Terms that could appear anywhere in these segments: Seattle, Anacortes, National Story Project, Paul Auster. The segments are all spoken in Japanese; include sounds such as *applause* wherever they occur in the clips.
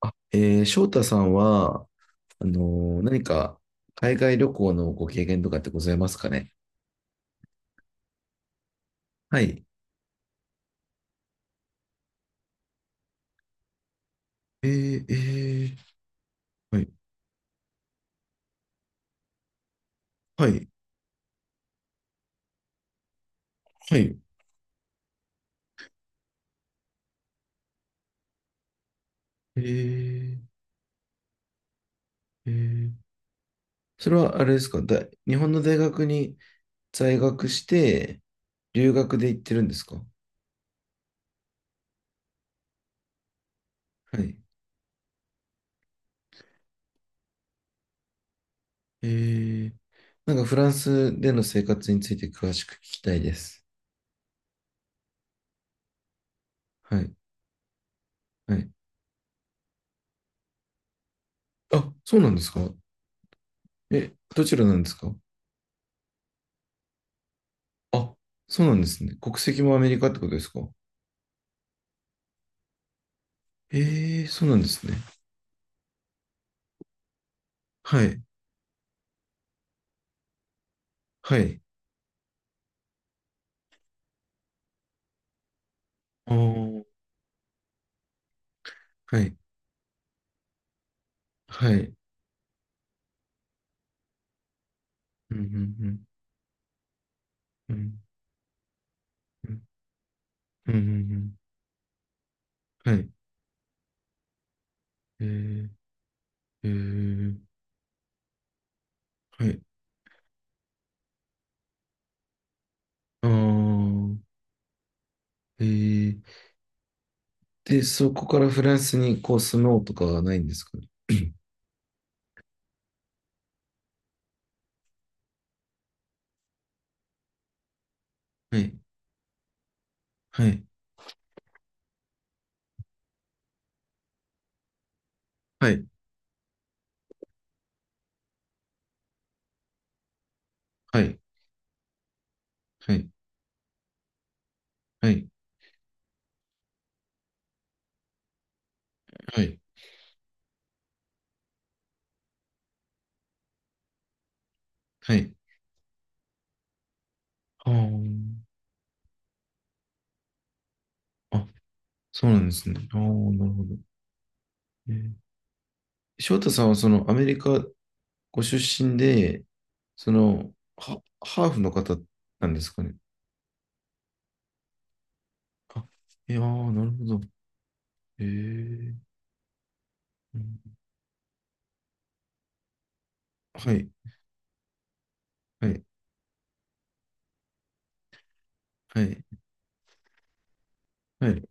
あ、翔太さんは、何か海外旅行のご経験とかってございますかね？はい。えー、えー、はい、はい、はい。えー、えー、それはあれですかだ、日本の大学に在学して、留学で行ってるんですか？はい。えー、なんかフランスでの生活について詳しく聞きたいです。はい、はい。あ、そうなんですか？え、どちらなんですか？あ、そうなんですね。国籍もアメリカってことですか？ええ、そうなんですね。はい。はい。あー、はい。はい。うんうんうん。うんうんうんうん。はい。えー、えー、はい。あー、えー、で、そこからフランスにこう住もうとかはないんですかね？ *clears throat* はい。はい。はい。はい。はい。はい。はい。はい。あー、あ、そうなんですね。ああ、なるほど。えー翔太さんはそのアメリカご出身で、その、ハハーフの方なんですかね？あ、いやー、なるほど。へえ。うん、はい、はい、はい、はい。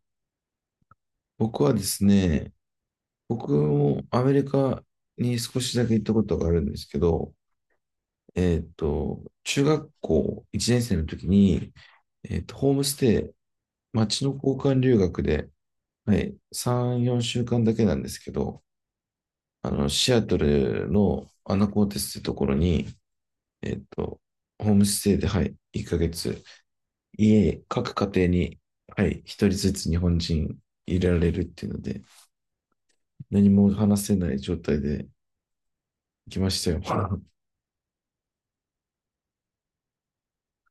僕はですね、僕もアメリカに少しだけ行ったことがあるんですけど、中学校1年生の時に、ホームステイ、町の交換留学で、はい、3、4週間だけなんですけど、シアトルのアナコーテスってところに、えっと、ホームステイで、はい、1ヶ月、各家庭に、はい、一人ずつ日本人入れられるっていうので、何も話せない状態で来ましたよ。*laughs*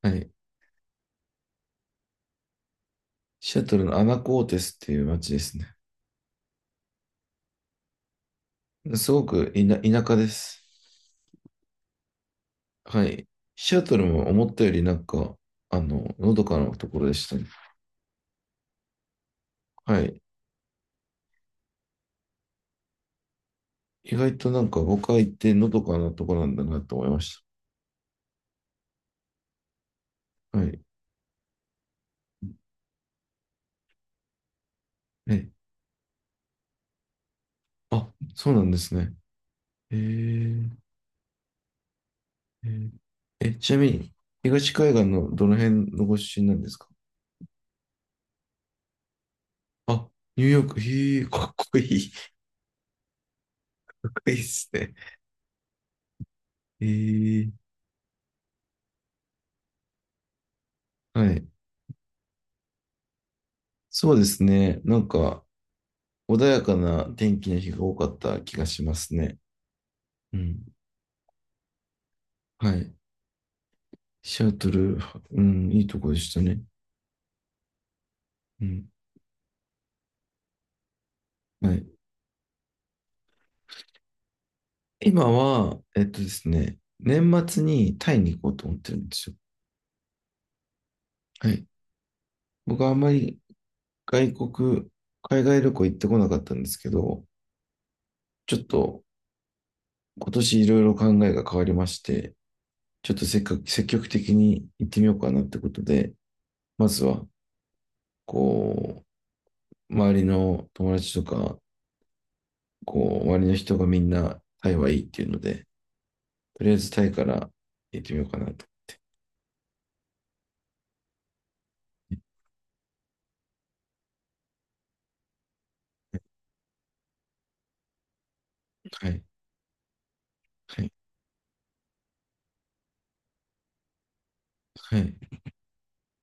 はい。シアトルのアナコーテスっていう街ですね。すごくいな田舎です。はい。シアトルも思ったよりなんか、のどかなところでしたね。はい。意外となんか僕は行ってのどかなところなんだなと思いました。はい。え、あ、そうなんですね。へえー。えーえちなみに、東海岸のどの辺のご出身なんですか？あ、ニューヨーク、へえ、かっこいい、かっこいいですね。へえ、はい。そうですね。なんか、穏やかな天気の日が多かった気がしますね。うん。はい。シアトル、うん、いいとこでしたね。うん。はい。今は、ですね、年末にタイに行こうと思ってるんですよ。はい。僕はあんまり外国、海外旅行行ってこなかったんですけど、ちょっと今年いろいろ考えが変わりまして、ちょっとせっかく積極的に行ってみようかなってことで、まずは、こう、周りの友達とか、こう、周りの人がみんなタイはいいっていうので、とりあえずタイから行ってみようかなと。はい、はい、はい。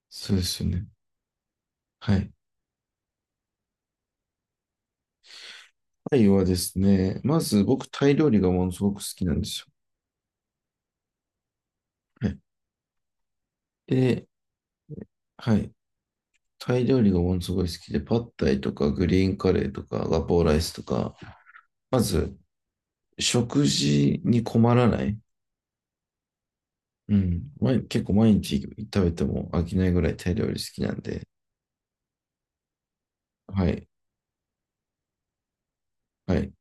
そうですよね。はい。タイはですね、まず僕、タイ料理がものすごく好きなんですよ。はい。で、はい。タイ料理がものすごい好きで、パッタイとかグリーンカレーとかガポーライスとか、まず、食事に困らない。うん。結構毎日食べても飽きないぐらいタイ料理好きなんで。はい。はい。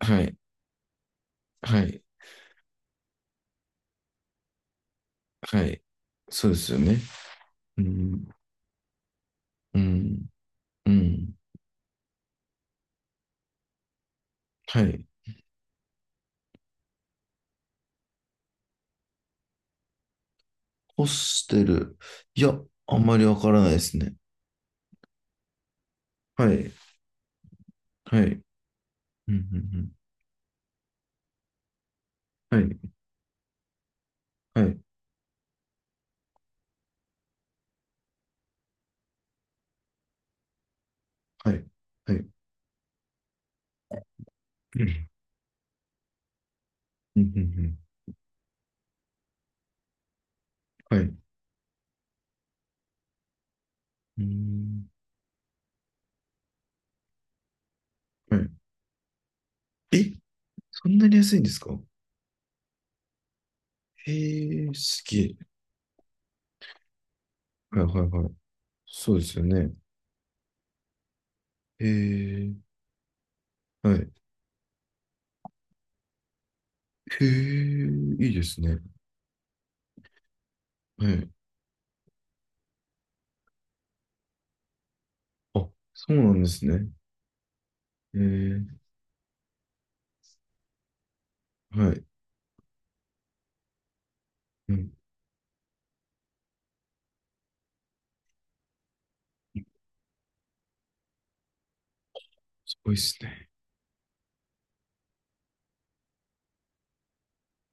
はい。はい。はい。そうですよね。うん。うん。うん。はい。ホステル。いや、あんまりわからないですね。はい。はい。うん。うん。うん、はい。はい。はい。はい。うん。うん。うんうん、はい。うん。はい。え、そんなに安いんですか？へえ、すげえ。はいはいはい。そうですよね。へえ、はい。へえ、いいですね。はい。あ、そうなんですね。へえ、はい。うん、すごいですね。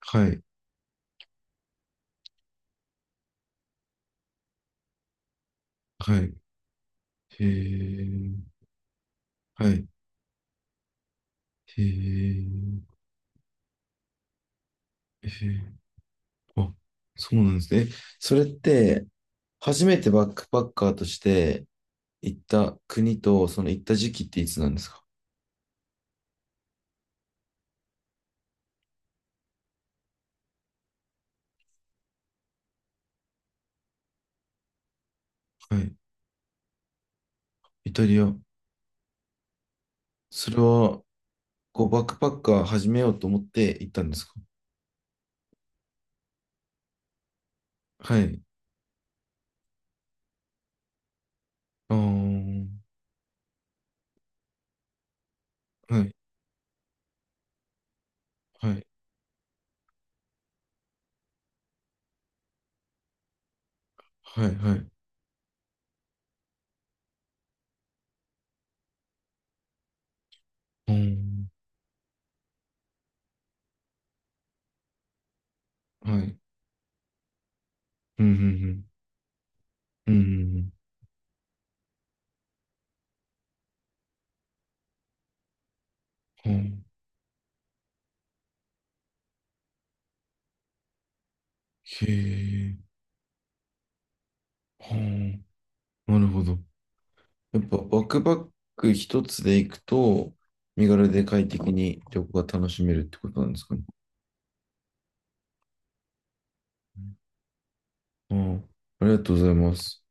はい、はい。へえ、はい。へえ、へえ、あ、そうなんですね。え、それって、初めてバックパッカーとして行った国と、その行った時期っていつなんですか？はい。イタリア。それは、こう、バックパッカー始めようと思って行ったんですか？はい。ああ。はい、はい、はい、はい。うん、はい。うん、うん、うん、うん、うん。うん、へえ、はあ、なるほど。やっぱ、ワクバック一つで行くと、身軽で快適に旅行が楽しめるってことなんですかね？うん、ああ、ありがとうございます。